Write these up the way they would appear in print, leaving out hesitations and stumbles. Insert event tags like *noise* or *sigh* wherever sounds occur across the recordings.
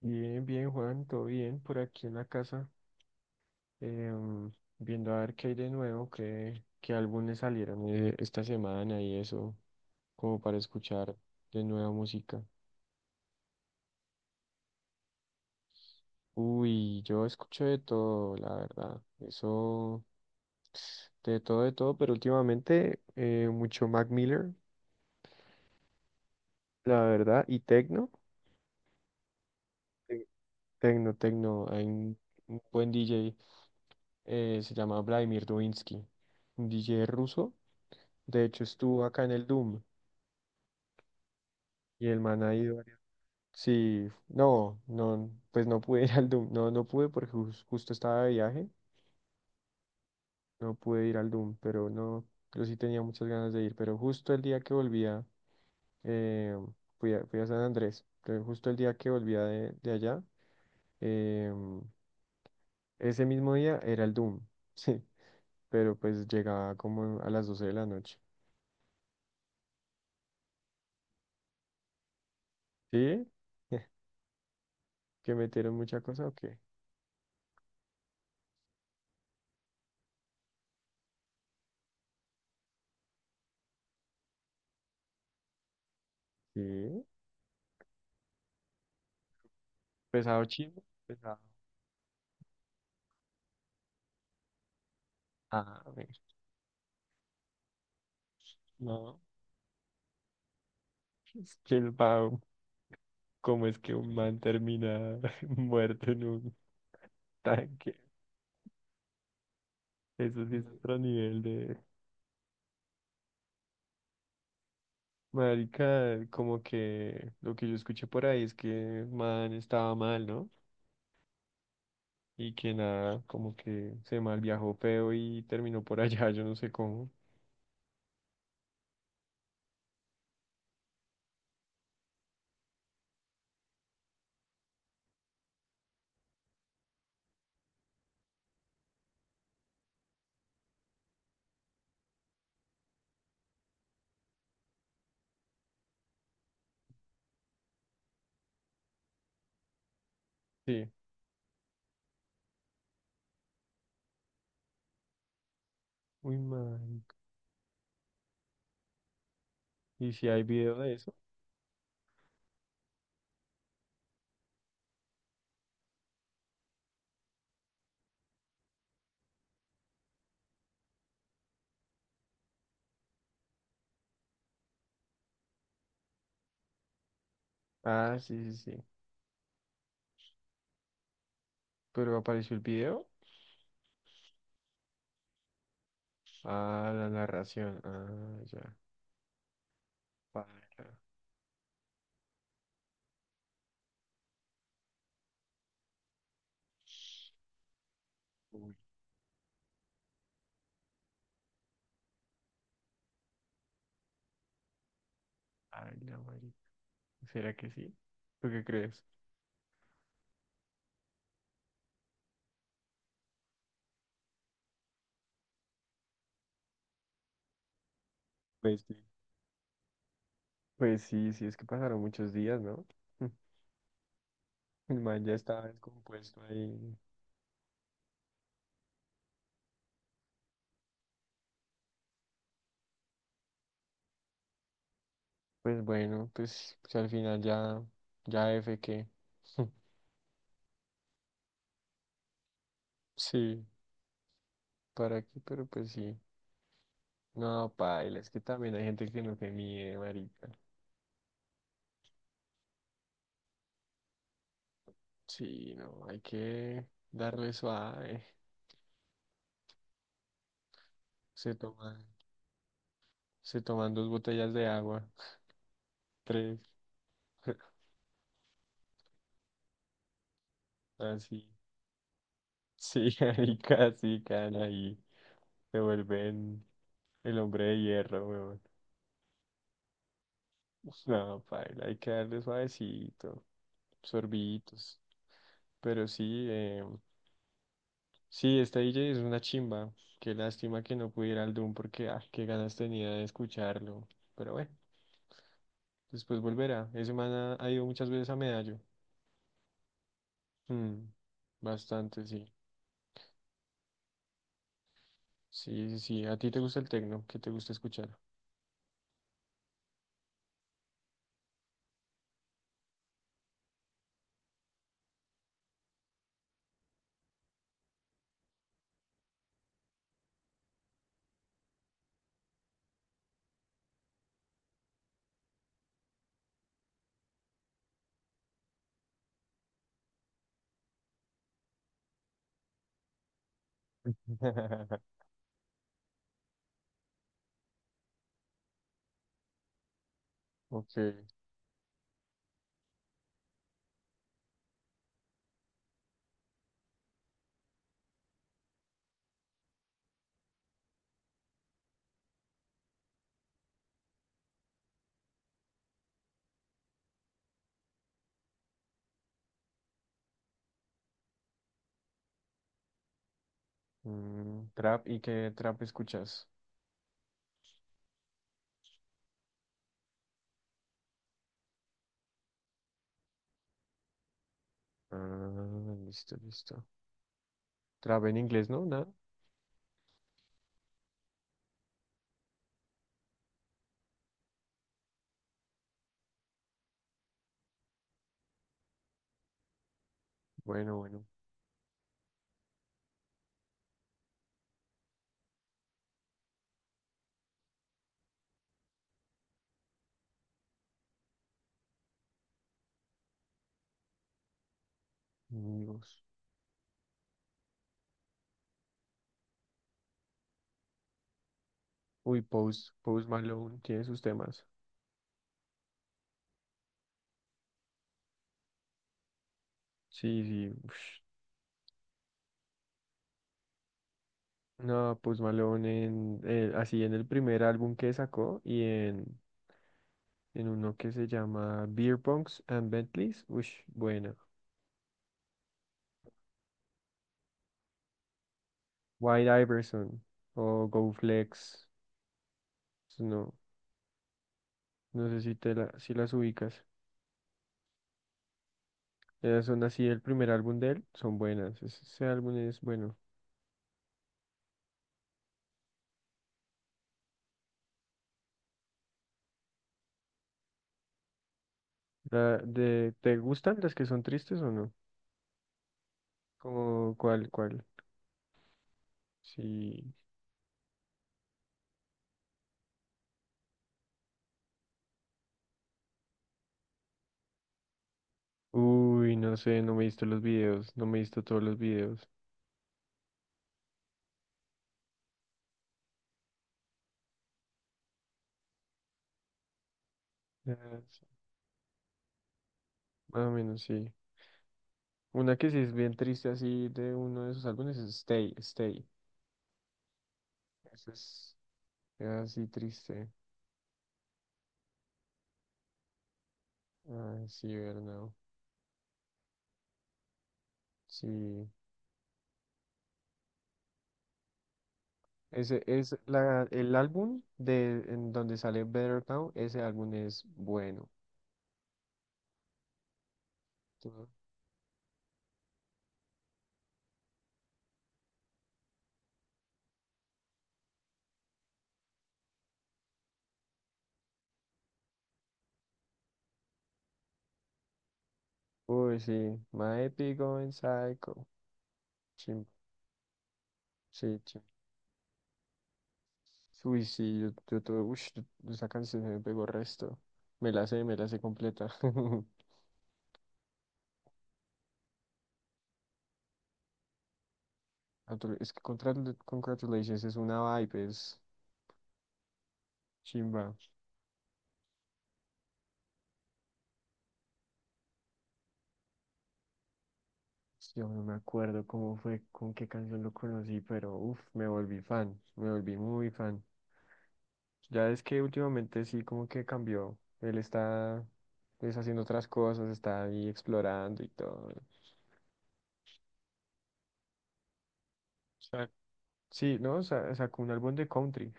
Bien, bien, Juan, todo bien por aquí en la casa, em, viendo a ver qué hay de nuevo, qué álbumes salieron esta semana y eso, como para escuchar de nueva música. Uy, yo escucho de todo, la verdad, eso, de todo, pero últimamente mucho Mac Miller, la verdad, y Tecno, Tec- Tecno, Tecno, hay un buen DJ, se llama Vladimir Dovinsky, un DJ ruso. De hecho, estuvo acá en el Doom y el man ha ido. Varias... Sí, no, no, pues no pude *laughs* ir al Doom. No, no pude porque justo estaba de viaje. No pude ir al Doom, pero no, yo sí tenía muchas ganas de ir. Pero justo el día que volvía, eh, fui a San Andrés. Pero justo el día que volvía de allá, em, ese mismo día era el Doom. *laughs* Sí, pero pues llegaba como a las doce de la noche. ¿Sí? *laughs* ¿Que metieron mucha cosa o qué? Sí, pesado chino, pesado. A ver, no. Es que el Bao, ¿cómo es que un man termina *laughs* muerto en un tanque? Eso sí es otro nivel de... Marica, como que lo que yo escuché por ahí es que el man estaba mal, ¿no? Y que nada, como que se mal viajó feo y terminó por allá, *laughs* yo no sé cómo. Sí. Uy, marica. ¿Y si hay video de eso? Ah, sí, sí, sí. ¿Pero apareció el video? Ah, la narración. Ah, ya. Para. Uy, ay, la marica. ¿Será que sí? ¿Tú qué crees? Pues sí. Pues sí, sí, es que pasaron muchos días, ¿no? *laughs* El man ya estaba descompuesto ahí. Pues bueno, pues, pues al final ya, ya F que. *laughs* Sí, ¿para qué? Pero pues sí. No, paila, es que también hay gente que no se mide, marica. Sí, no, hay que darle suave. Se toman, se toman dos botellas de agua, *laughs* tres, *laughs* así. Sí, *laughs* ahí casi caen ahí. Se vuelven el hombre de hierro, weón. No, paila, hay que darle suavecito, sorbitos. Pero sí, sí, esta DJ es una chimba. Qué lástima que no pudiera al Doom porque, ah, qué ganas tenía de escucharlo. Pero bueno, después volverá. Ese man ha ido muchas veces a Medallo. Mm, bastante, sí. Sí, sí, sí. ¿A ti te gusta el tecno? ¿Qué te gusta escuchar? *laughs* Ok, mm, trap, ¿y qué trap escuchas? Ah, listo, listo. Trap en inglés, ¿no? Nada. Bueno, bueno. Amigos. Uy, Post, Post Malone tiene sus temas. Sí, sí. Ush. No, Post Malone así en el primer álbum que sacó en uno que se llama Beer Punks and Bentleys. Uy, buena. White Iverson o Go Flex. Pues no, no sé si te la, si las ubicas. Ya son así el primer álbum de él, son buenas. Ese álbum es bueno. La de, ¿te gustan las que son tristes o no? Como cuál, cuál. Sí. Uy, no sé, no me he visto los videos, no me he visto todos los videos. Ah, sí. Más o menos sí. Una que sí es bien triste así de uno de sus álbumes es Stay, Stay. Ese es así triste. Ah, sí, verdad. Sí. Ese es el álbum de en donde sale Better Now, ese álbum es bueno. Uy, sí, My Epic Going Psycho. Chim, sí, chim. Uy, sí, yo tuve, uy, esa canción se me pegó resto. Me la sé completa. *laughs* Es que Congratulations es una vibe, es chimba. Yo no me acuerdo cómo fue, con qué canción lo conocí, pero uff, me volví fan, me volví muy fan. Ya es que últimamente sí, como que cambió. Él está, pues, haciendo otras cosas, está ahí explorando y todo. Sí, ¿no? Sacó un álbum de country.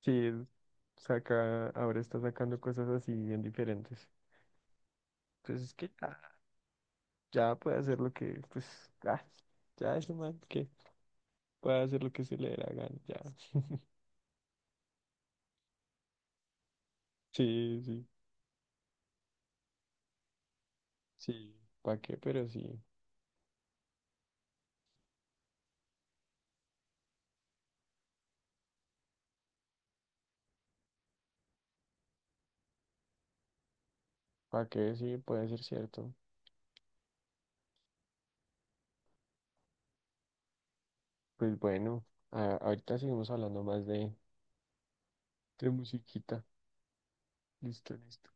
Sí, él saca, ahora está sacando cosas así bien diferentes. Pues es que ya, ya puede hacer lo que, pues, ah, ya es un man que puede hacer lo que se le dé la gana, ya. *laughs* Sí, sí, sí. ¿Para qué? Pero sí. ¿Para qué? Sí, puede ser cierto. Pues bueno, ahorita seguimos hablando más de musiquita. Listo, listo.